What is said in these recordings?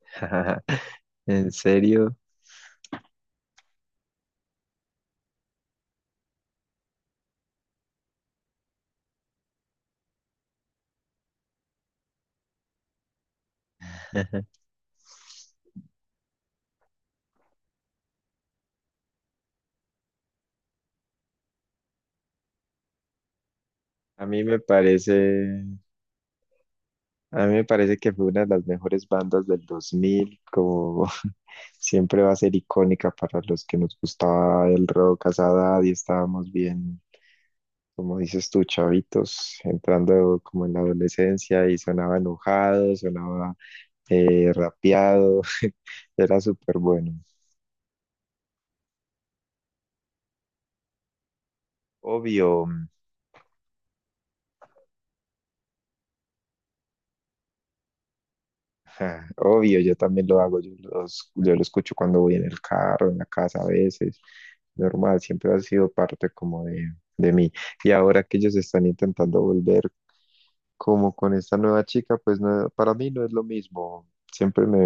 ¿En serio? A mí me parece, a mí me parece que fue una de las mejores bandas del 2000, como siempre va a ser icónica para los que nos gustaba el rock a esa edad y estábamos bien, como dices tú, chavitos, entrando como en la adolescencia y sonaba enojado, sonaba rapeado, era súper bueno. Obvio. Ja, obvio, yo también lo hago, yo lo escucho cuando voy en el carro, en la casa a veces, normal, siempre ha sido parte de mí. Y ahora que ellos están intentando volver como con esta nueva chica, pues no, para mí no es lo mismo,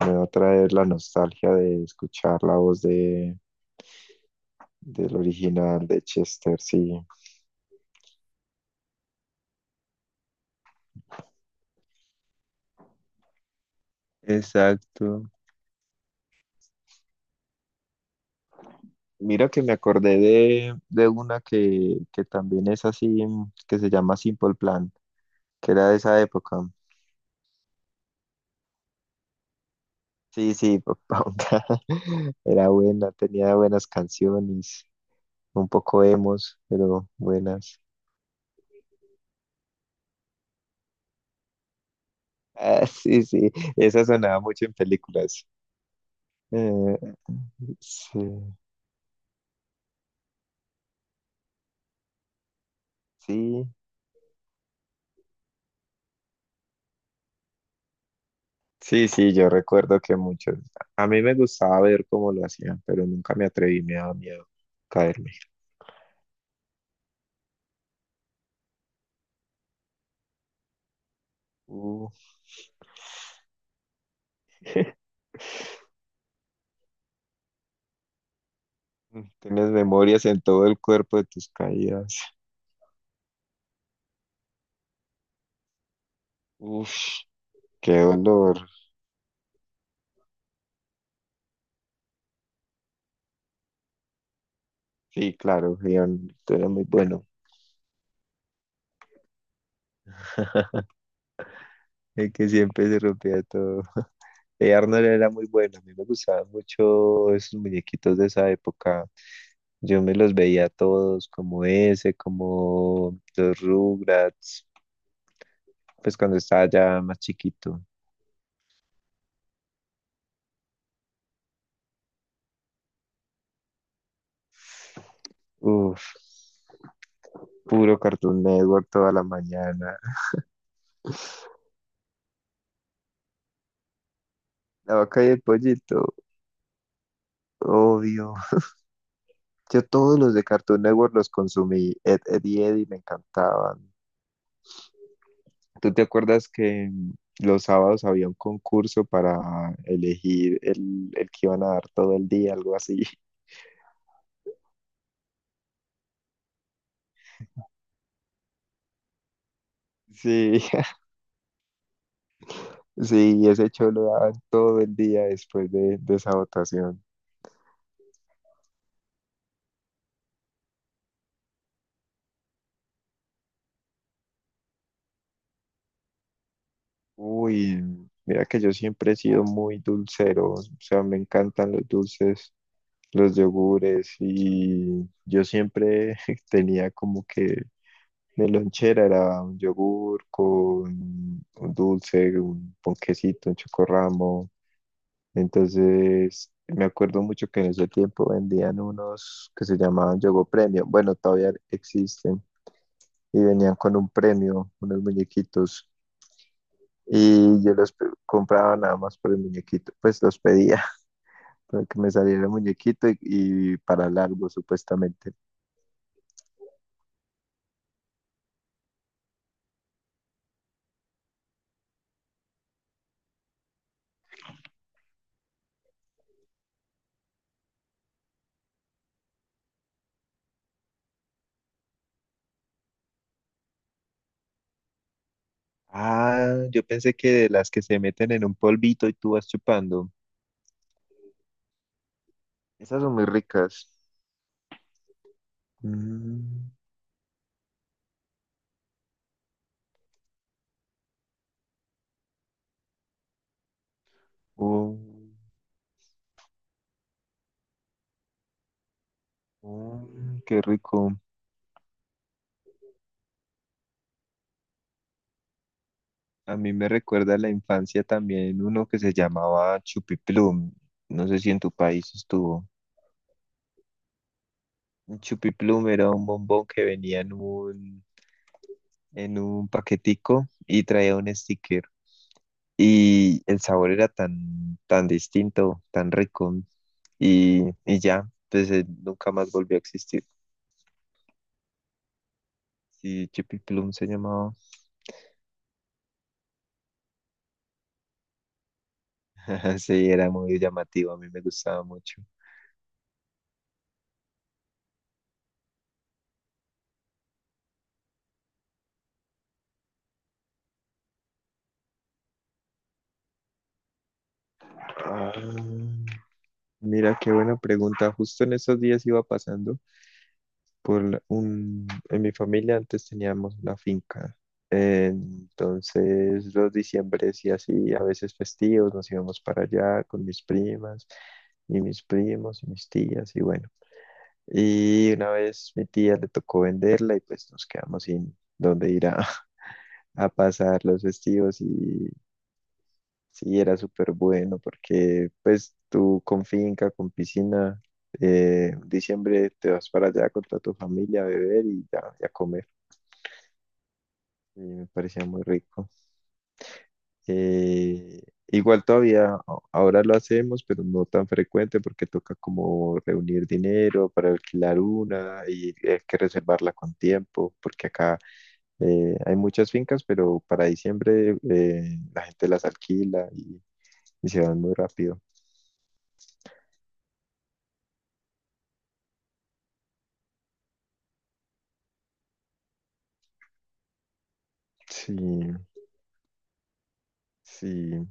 me va a traer la nostalgia de escuchar del original de Chester, sí. Exacto. Mira que me acordé de una que también es así, que se llama Simple Plan, que era de esa época. Sí, sí, Pocahontas. Era buena, tenía buenas canciones, un poco emos, pero buenas. Ah, sí, sí, esa sonaba mucho en películas. Eh, sí, sí, sí, yo recuerdo que muchos. A mí me gustaba ver cómo lo hacían, pero nunca me atreví, me daba miedo caerme. Uh. Tienes memorias en todo el cuerpo de tus caídas. Uf, qué dolor. Sí, claro, Leon, tú eras muy bueno. El que siempre se rompía todo. Arnold era muy bueno. A mí me gustaban mucho esos muñequitos de esa época. Yo me los veía todos, como ese, como los Rugrats, pues cuando estaba ya más chiquito. Uf, puro Cartoon Network toda la mañana. La vaca y el pollito, obvio. Yo todos los de Cartoon Network los consumí. Ed, Ed y Eddie me encantaban. ¿Tú te acuerdas que los sábados había un concurso para elegir el que iban a dar todo el día, algo así? Sí, sí, ese show lo daban todo el día después de esa votación. Uy, mira que yo siempre he sido muy dulcero, o sea, me encantan los dulces, los yogures y yo siempre tenía como que de lonchera era un yogur con un dulce, un ponquecito, un chocorramo. Entonces, me acuerdo mucho que en ese tiempo vendían unos que se llamaban Yogo Premio. Bueno, todavía existen. Y venían con un premio, unos muñequitos. Y compraba nada más por el muñequito. Pues los pedía para que me saliera el muñequito y para largo, supuestamente. Ah, yo pensé que de las que se meten en un polvito y tú vas chupando. Esas son muy ricas. Mm, Oh, oh, qué rico. A mí me recuerda a la infancia también uno que se llamaba Chupiplum. No sé si en tu país estuvo. Un Chupiplum era un bombón que venía en un paquetico y traía un sticker. Y el sabor era tan distinto, tan rico. Y ya, pues nunca más volvió a existir. Sí, Chupiplum se llamaba. Sí, era muy llamativo, a mí me gustaba mucho. Ah, mira, qué buena pregunta. Justo en estos días iba pasando En mi familia antes teníamos una finca. Entonces los diciembres y así, a veces festivos, nos íbamos para allá con mis primas y mis primos y mis tías y bueno. Y una vez mi tía le tocó venderla y pues nos quedamos sin dónde ir a, a pasar los festivos y sí, era súper bueno porque pues tú con finca, con piscina, en diciembre te vas para allá con toda tu familia a beber y a comer. Y me parecía muy rico. Eh, igual todavía a- ahora lo hacemos, pero no tan frecuente porque toca como reunir dinero para alquilar una y hay que reservarla con tiempo porque acá hay muchas fincas, pero para diciembre la gente las alquila y se van muy rápido. Sí, sí.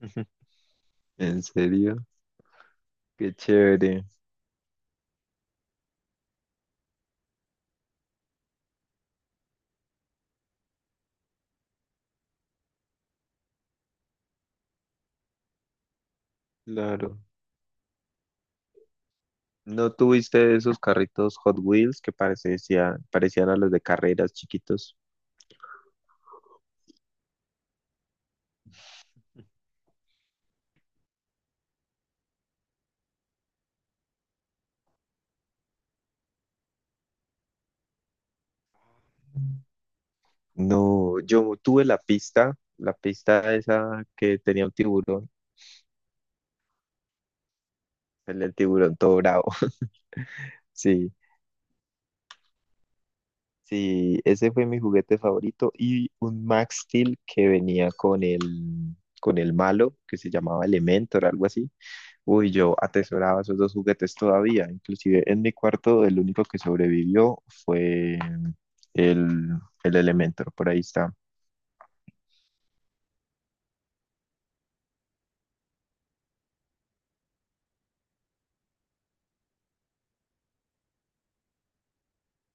¿En serio, qué chévere? Claro. ¿No tuviste esos carritos Hot Wheels que parecían a los de carreras chiquitos? No, yo tuve la pista esa que tenía un tiburón, el tiburón todo bravo. Sí, sí, ese fue mi juguete favorito y un Max Steel que venía con el malo que se llamaba Elementor, algo así. Uy, yo atesoraba esos dos juguetes todavía. Inclusive en mi cuarto el único que sobrevivió fue el, el Elementor, por ahí está.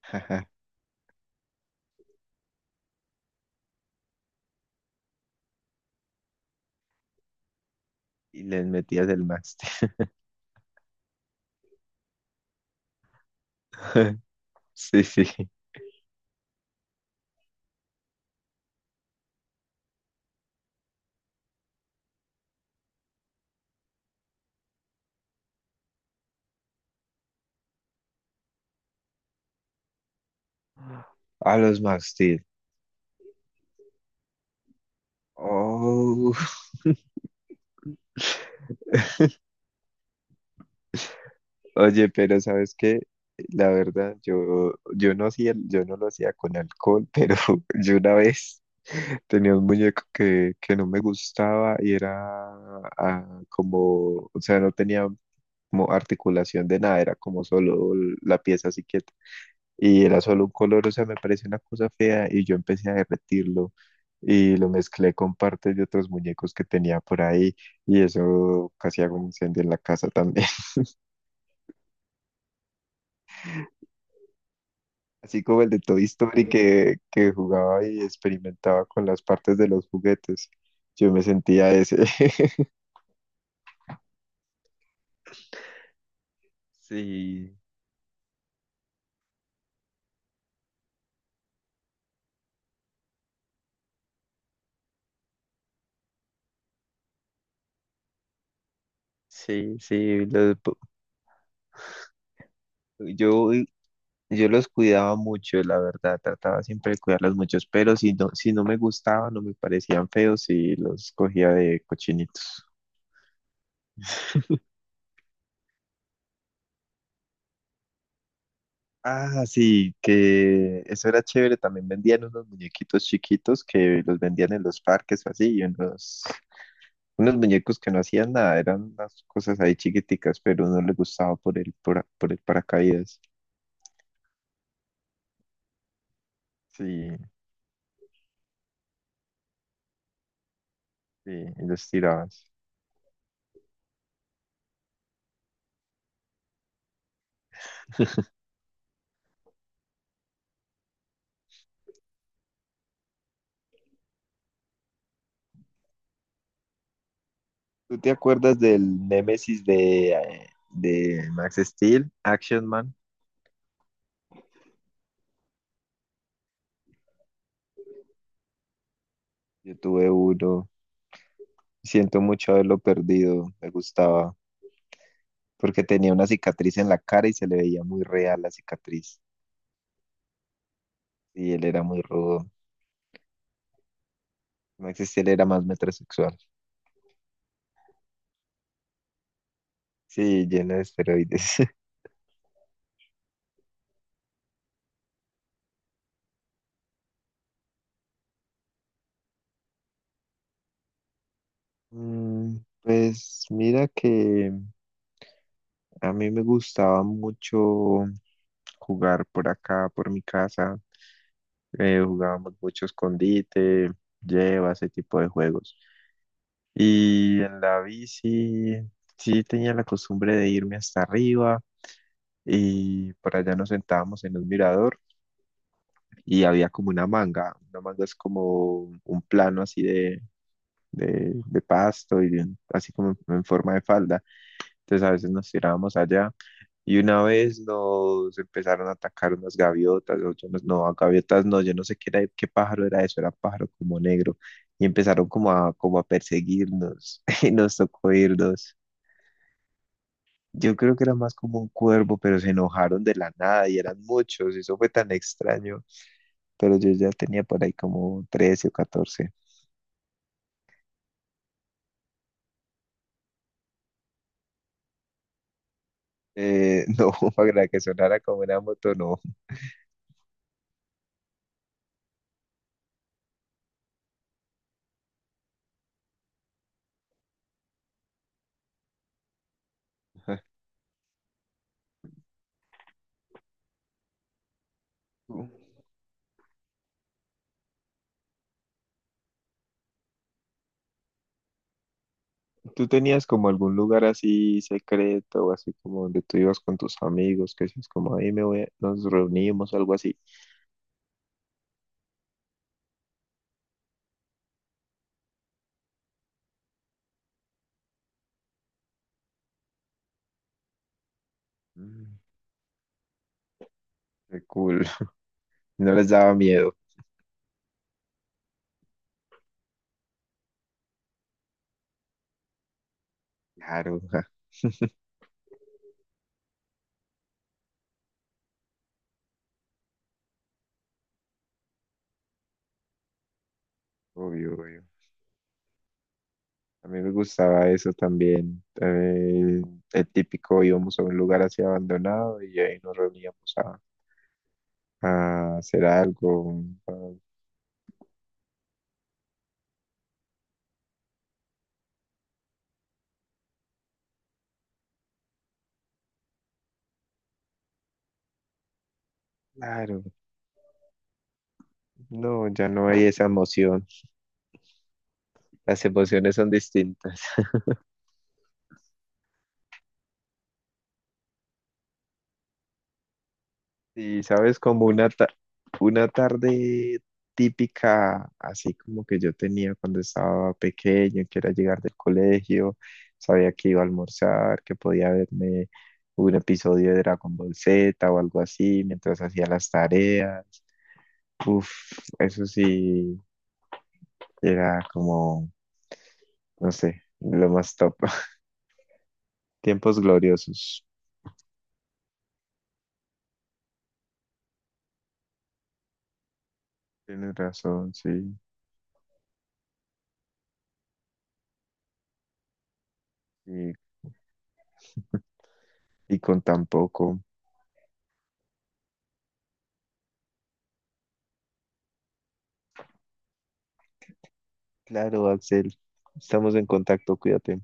Y les metías el Max Steel. Sí, sí. A los Max Steel. Oh. Oye, pero ¿sabes qué? La verdad, yo no lo hacía con alcohol, pero yo una vez tenía un muñeco que no me gustaba y era como, o sea, no tenía como articulación de nada, era como solo la pieza así quieta. Y era solo un color, o sea, me parecía una cosa fea y yo empecé a derretirlo y lo mezclé con partes de otros muñecos que tenía por ahí y eso casi hago un incendio en la casa también. Así como el de Toy Story que jugaba y experimentaba con las partes de los juguetes. Yo me sentía ese. Sí, sí, sí. Yo, yo los cuidaba mucho, la verdad. Trataba siempre de cuidarlos muchos, pero si no, si no me gustaban o me parecían feos, sí los cogía de cochinitos. Ah, sí, que eso era chévere. También vendían unos muñequitos chiquitos que los vendían en los parques o así, y unos unos muñecos que no hacían nada, eran unas cosas ahí chiquiticas, pero uno le gustaba por el paracaídas. Sí, sí, y los tirabas. ¿Tú te acuerdas del Némesis de Max Steel, Action Man? Yo tuve uno. Siento mucho haberlo perdido. Me gustaba. Porque tenía una cicatriz en la cara y se le veía muy real la cicatriz. Y él era muy rudo. Max Steel era más metrosexual. Sí, lleno de esteroides. Pues mira que a mí me gustaba mucho jugar por acá, por mi casa. Jugábamos mucho escondite, lleva, ese tipo de juegos. Y en la bici sí tenía la costumbre de irme hasta arriba y por allá nos sentábamos en un mirador y había como una manga. Una manga es como un plano así de pasto y de así como en forma de falda. Entonces a veces nos tirábamos allá. Y una vez nos empezaron a atacar unas gaviotas, o yo no, no, gaviotas no, yo no sé qué era, qué pájaro era eso, era pájaro como negro, y empezaron como a perseguirnos, y nos tocó irnos. Yo creo que era más como un cuervo, pero se enojaron de la nada y eran muchos, y eso fue tan extraño, pero yo ya tenía por ahí como 13 o 14. No, para que sonara como una moto, no. ¿Tú tenías como algún lugar así secreto o así como donde tú ibas con tus amigos, que decías como ahí me voy, nos reunimos, algo así? Mm, qué cool. No les daba miedo. Claro, ja, obvio, obvio. A mí me gustaba eso también. El típico íbamos a un lugar así abandonado y ahí nos reuníamos a hacer algo. Claro, no, ya no hay esa emoción. Las emociones son distintas. Sí, sabes, como una tarde típica, así como que yo tenía cuando estaba pequeño, que era llegar del colegio, sabía que iba a almorzar, que podía verme un episodio de Dragon Ball Z o algo así, mientras hacía las tareas. Uf, eso sí, era como, no sé, lo más top. Tiempos gloriosos. Tienes razón, sí. Y, y con tan poco. Claro, Axel, estamos en contacto, cuídate.